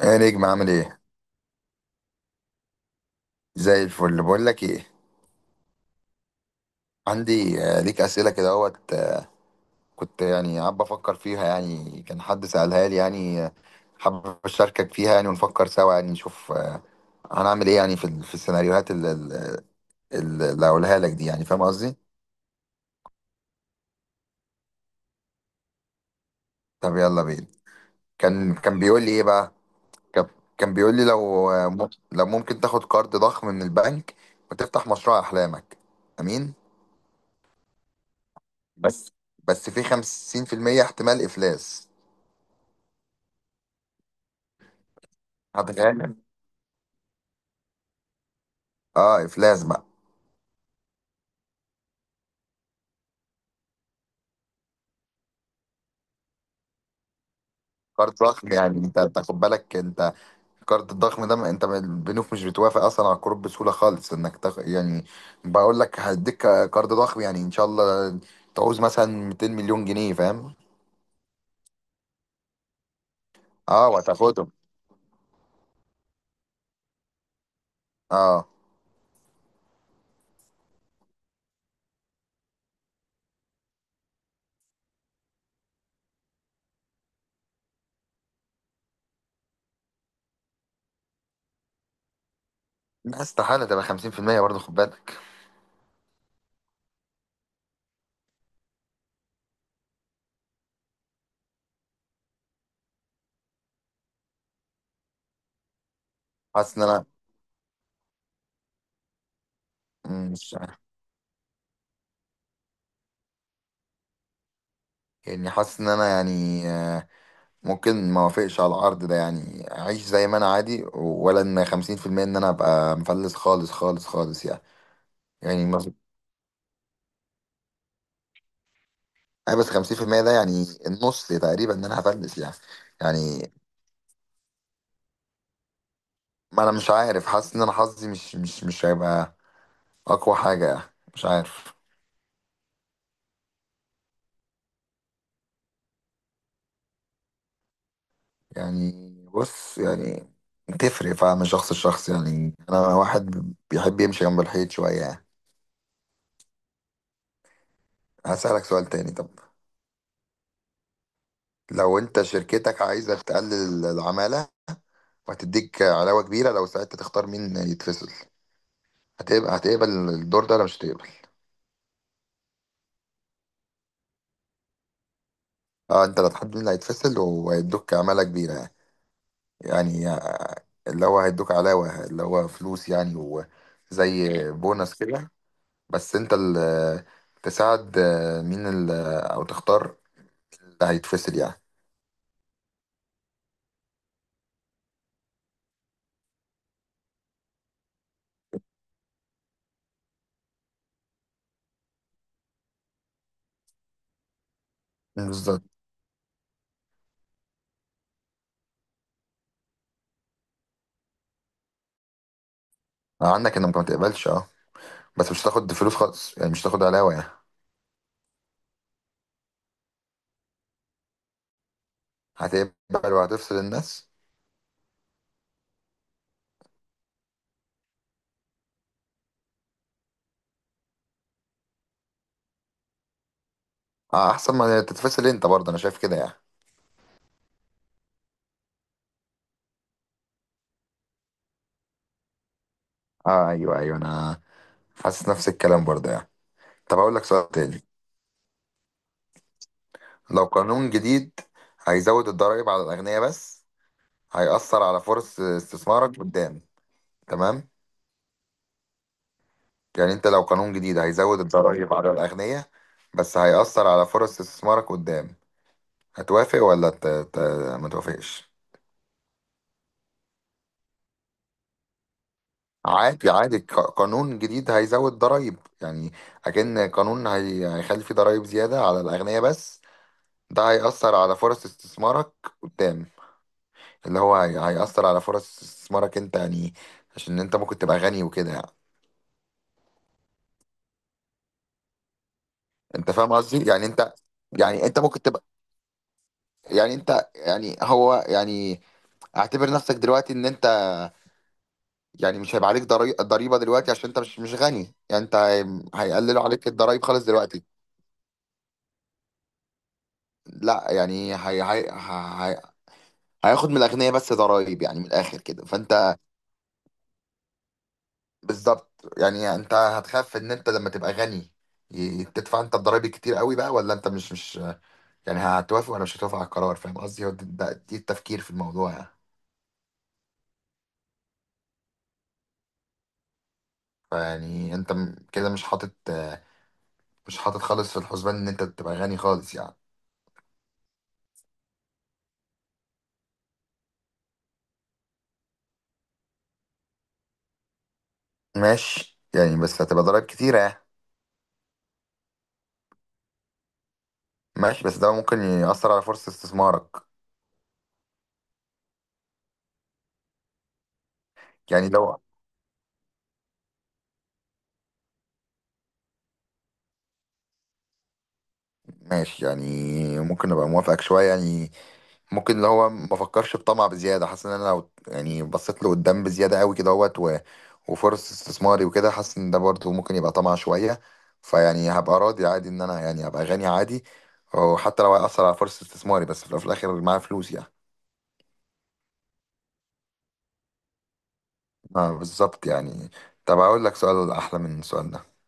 ايه نجم، عامل ايه؟ زي الفل، بقول لك ايه. عندي ليك اسئله كده، اهوت. كنت يعني قاعد بفكر فيها، يعني كان حد سالها لي يعني. حابب اشاركك فيها يعني، ونفكر سوا يعني، نشوف هنعمل ايه يعني في في السيناريوهات اللي هقولها لك دي، يعني فاهم قصدي؟ طب يلا بينا. كان بيقول لي ايه بقى؟ كان كان بيقول لي لو لو ممكن تاخد قرض ضخم من البنك، وتفتح مشروع احلامك، امين. بس بس في 50% احتمال افلاس. هتغامر؟ اه افلاس بقى. قرض ضخم يعني، انت تاخد بالك، انت القرض الضخم ده، ما- انت ما- البنوك مش بتوافق اصلا على القروض بسهوله خالص انك يعني، بقول لك هديك قرض ضخم، يعني ان شاء الله تعوز مثلا 200 مليون جنيه، فاهم؟ اه وهتاخدهم. اه، لا استحاله تبقى 50% برضه، خد بالك. حاسس ان انا مش عارف. يعني حاسس ان انا يعني، ممكن ما اوافقش على العرض ده، يعني اعيش زي ما انا عادي، ولا ان 50% ان انا ابقى مفلس، خالص خالص خالص يعني. يعني ما في بس 50% ده يعني النص تقريبا ان انا هفلس يعني. يعني ما انا مش عارف، حاسس ان انا حظي مش هيبقى اقوى حاجة، مش عارف. يعني بص يعني، تفرق فعلا من شخص لشخص، يعني انا واحد بيحب يمشي جنب الحيط شوية يعني. هسألك سؤال تاني طب. لو انت شركتك عايزة تقلل العمالة، وهتديك علاوة كبيرة لو ساعتها تختار مين يتفصل، هتقبل الدور ده ولا مش هتقبل؟ اه، انت اللي هتحدد مين اللي هيتفصل، وهيدوك عمالة كبيرة يعني. يعني اللي هو هيدوك علاوة، اللي هو فلوس يعني، وزي بونص كده، بس انت اللي تساعد مين اللي، او تختار اللي هيتفصل يعني. بالظبط. عندك انك ما تقبلش، اه، بس مش هتاخد فلوس خالص يعني، مش هتاخد علاوة يعني. هتقبل وهتفصل الناس؟ اه احسن ما تتفصل انت برضه، انا شايف كده يعني. اه ايوه ايوه، انا حاسس نفس الكلام برضه يعني. طب اقول لك سؤال تاني. لو قانون جديد هيزود الضرائب على الاغنياء، بس هيأثر على فرص استثمارك قدام، تمام؟ يعني انت لو قانون جديد هيزود الضرائب على الأغنياء، بس هيأثر على فرص استثمارك قدام، هتوافق ولا ما توافقش؟ عادي عادي، قانون جديد هيزود ضرائب يعني، أكن قانون هيخلي فيه ضرائب زيادة على الأغنياء بس، ده هيأثر على فرص استثمارك قدام، اللي هو هيأثر على فرص استثمارك انت يعني، عشان انت ممكن تبقى غني وكده يعني، انت فاهم قصدي يعني انت. يعني انت ممكن تبقى، يعني انت يعني هو يعني، اعتبر نفسك دلوقتي ان انت، يعني مش هيبقى عليك ضريبة دلوقتي عشان انت مش غني يعني، انت هيقللوا عليك الضرايب خالص دلوقتي. لا يعني هي هياخد من الاغنياء بس ضرايب، يعني من الاخر كده، فانت، بالظبط. يعني انت هتخاف ان انت لما تبقى غني، تدفع انت الضرايب كتير قوي بقى، ولا انت مش، يعني هتوافق ولا مش هتوافق على القرار، فاهم قصدي؟ هو دي التفكير في الموضوع يعني. فيعني انت كده مش حاطط خالص في الحسبان ان انت تبقى غني خالص يعني. ماشي يعني، بس هتبقى ضرائب كتيرة يعني. ماشي، بس ده ممكن يأثر على فرصة استثمارك. يعني لو، ماشي يعني، ممكن ابقى موافقك شوية يعني، ممكن اللي هو ما فكرش بطمع بزيادة، حاسس ان انا لو يعني بصيت له قدام بزيادة قوي كده اهوت، وفرص استثماري وكده، حاسس ان ده برضه ممكن يبقى طمع شوية، فيعني هبقى راضي عادي ان انا يعني هبقى غني عادي، وحتى لو هيأثر على فرصة استثماري، بس في الأول وفي الآخر معايا فلوس يعني. اه بالظبط يعني. طب اقول لك سؤال احلى من السؤال ده.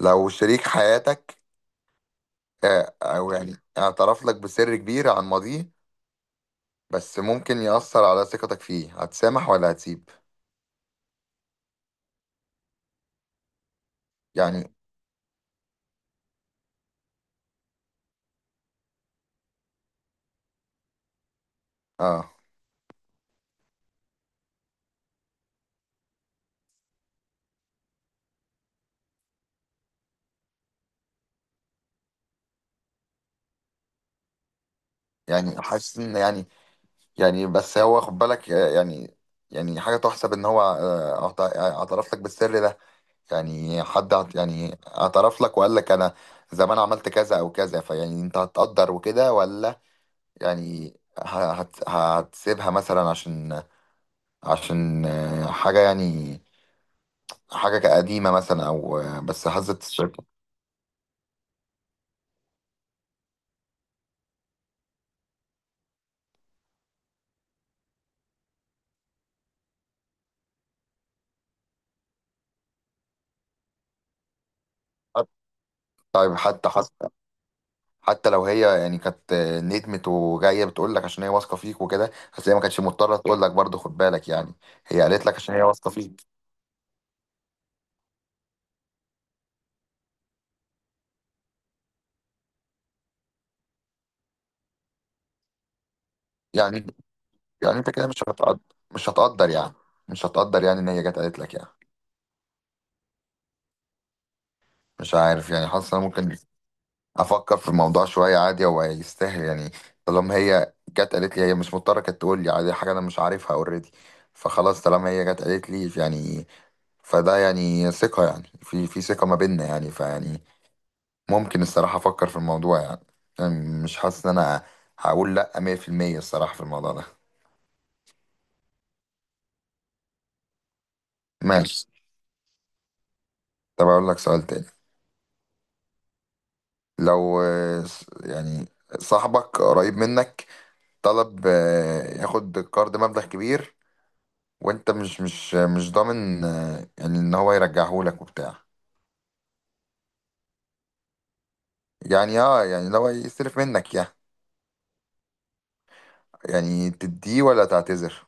لو شريك حياتك، او يعني اعترف لك بسر كبير عن ماضيه، بس ممكن يأثر على ثقتك فيه، هتسامح ولا هتسيب؟ يعني اه يعني حاسس ان يعني، يعني بس هو خد بالك، يعني، يعني حاجة تحسب ان هو، اعترف لك بالسر ده، يعني حد يعني اعترف لك وقال لك انا زمان عملت كذا او كذا، فيعني انت هتقدر وكده ولا، يعني هتسيبها مثلا، عشان حاجة يعني، حاجة قديمة مثلا أو بس حظت الشركة. طيب حتى حتى لو هي يعني كانت ندمت وجاية بتقول لك عشان هي واثقة فيك وكده، بس هي ما كانتش مضطرة تقول لك برضه، خد بالك يعني، هي قالت لك عشان هي واثقة فيك. يعني يعني أنت كده مش هتقدر، مش هتقدر يعني، مش هتقدر يعني إن هي جت قالت لك يعني. مش عارف يعني، حاسس أنا ممكن افكر في الموضوع شويه، عادي هو يستاهل يعني، طالما هي جت قالت لي، هي مش مضطره كانت تقول لي، عادي حاجه انا مش عارفها اوريدي، فخلاص طالما هي جت قالت لي يعني، فده يعني ثقه يعني، في ثقه ما بيننا يعني، فيعني ممكن الصراحه افكر في الموضوع يعني، يعني مش حاسس ان انا هقول لا 100% الصراحه في الموضوع ده. ماشي، طب اقول لك سؤال تاني. لو يعني صاحبك قريب منك طلب ياخد قرض مبلغ كبير، وانت مش ضامن يعني ان هو يرجعهولك وبتاع، يعني اه يعني لو يصرف منك يعني، يعني تديه ولا تعتذر؟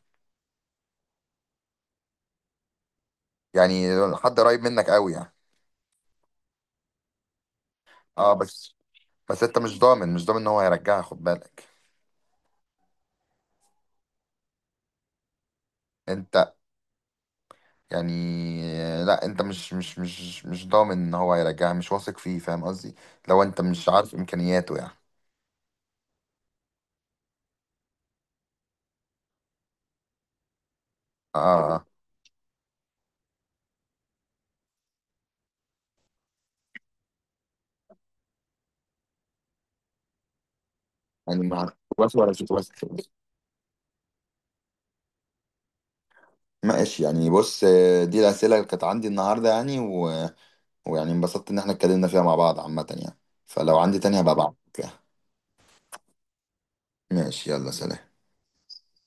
يعني حد قريب منك قوي يعني، اه بس انت مش ضامن ان هو هيرجعها، خد بالك انت يعني، لا انت مش ضامن ان هو هيرجعها، مش واثق فيه، فاهم قصدي؟ لو انت مش عارف امكانياته يعني. اه اه، يعني ما عارف واثق ولا مش واثق. ماشي يعني، بص دي الاسئله اللي كانت عندي النهارده يعني، ويعني انبسطت ان احنا اتكلمنا فيها مع بعض عامة يعني، فلو عندي تاني هبقى ابعتلك يعني. ماشي يلا سلام.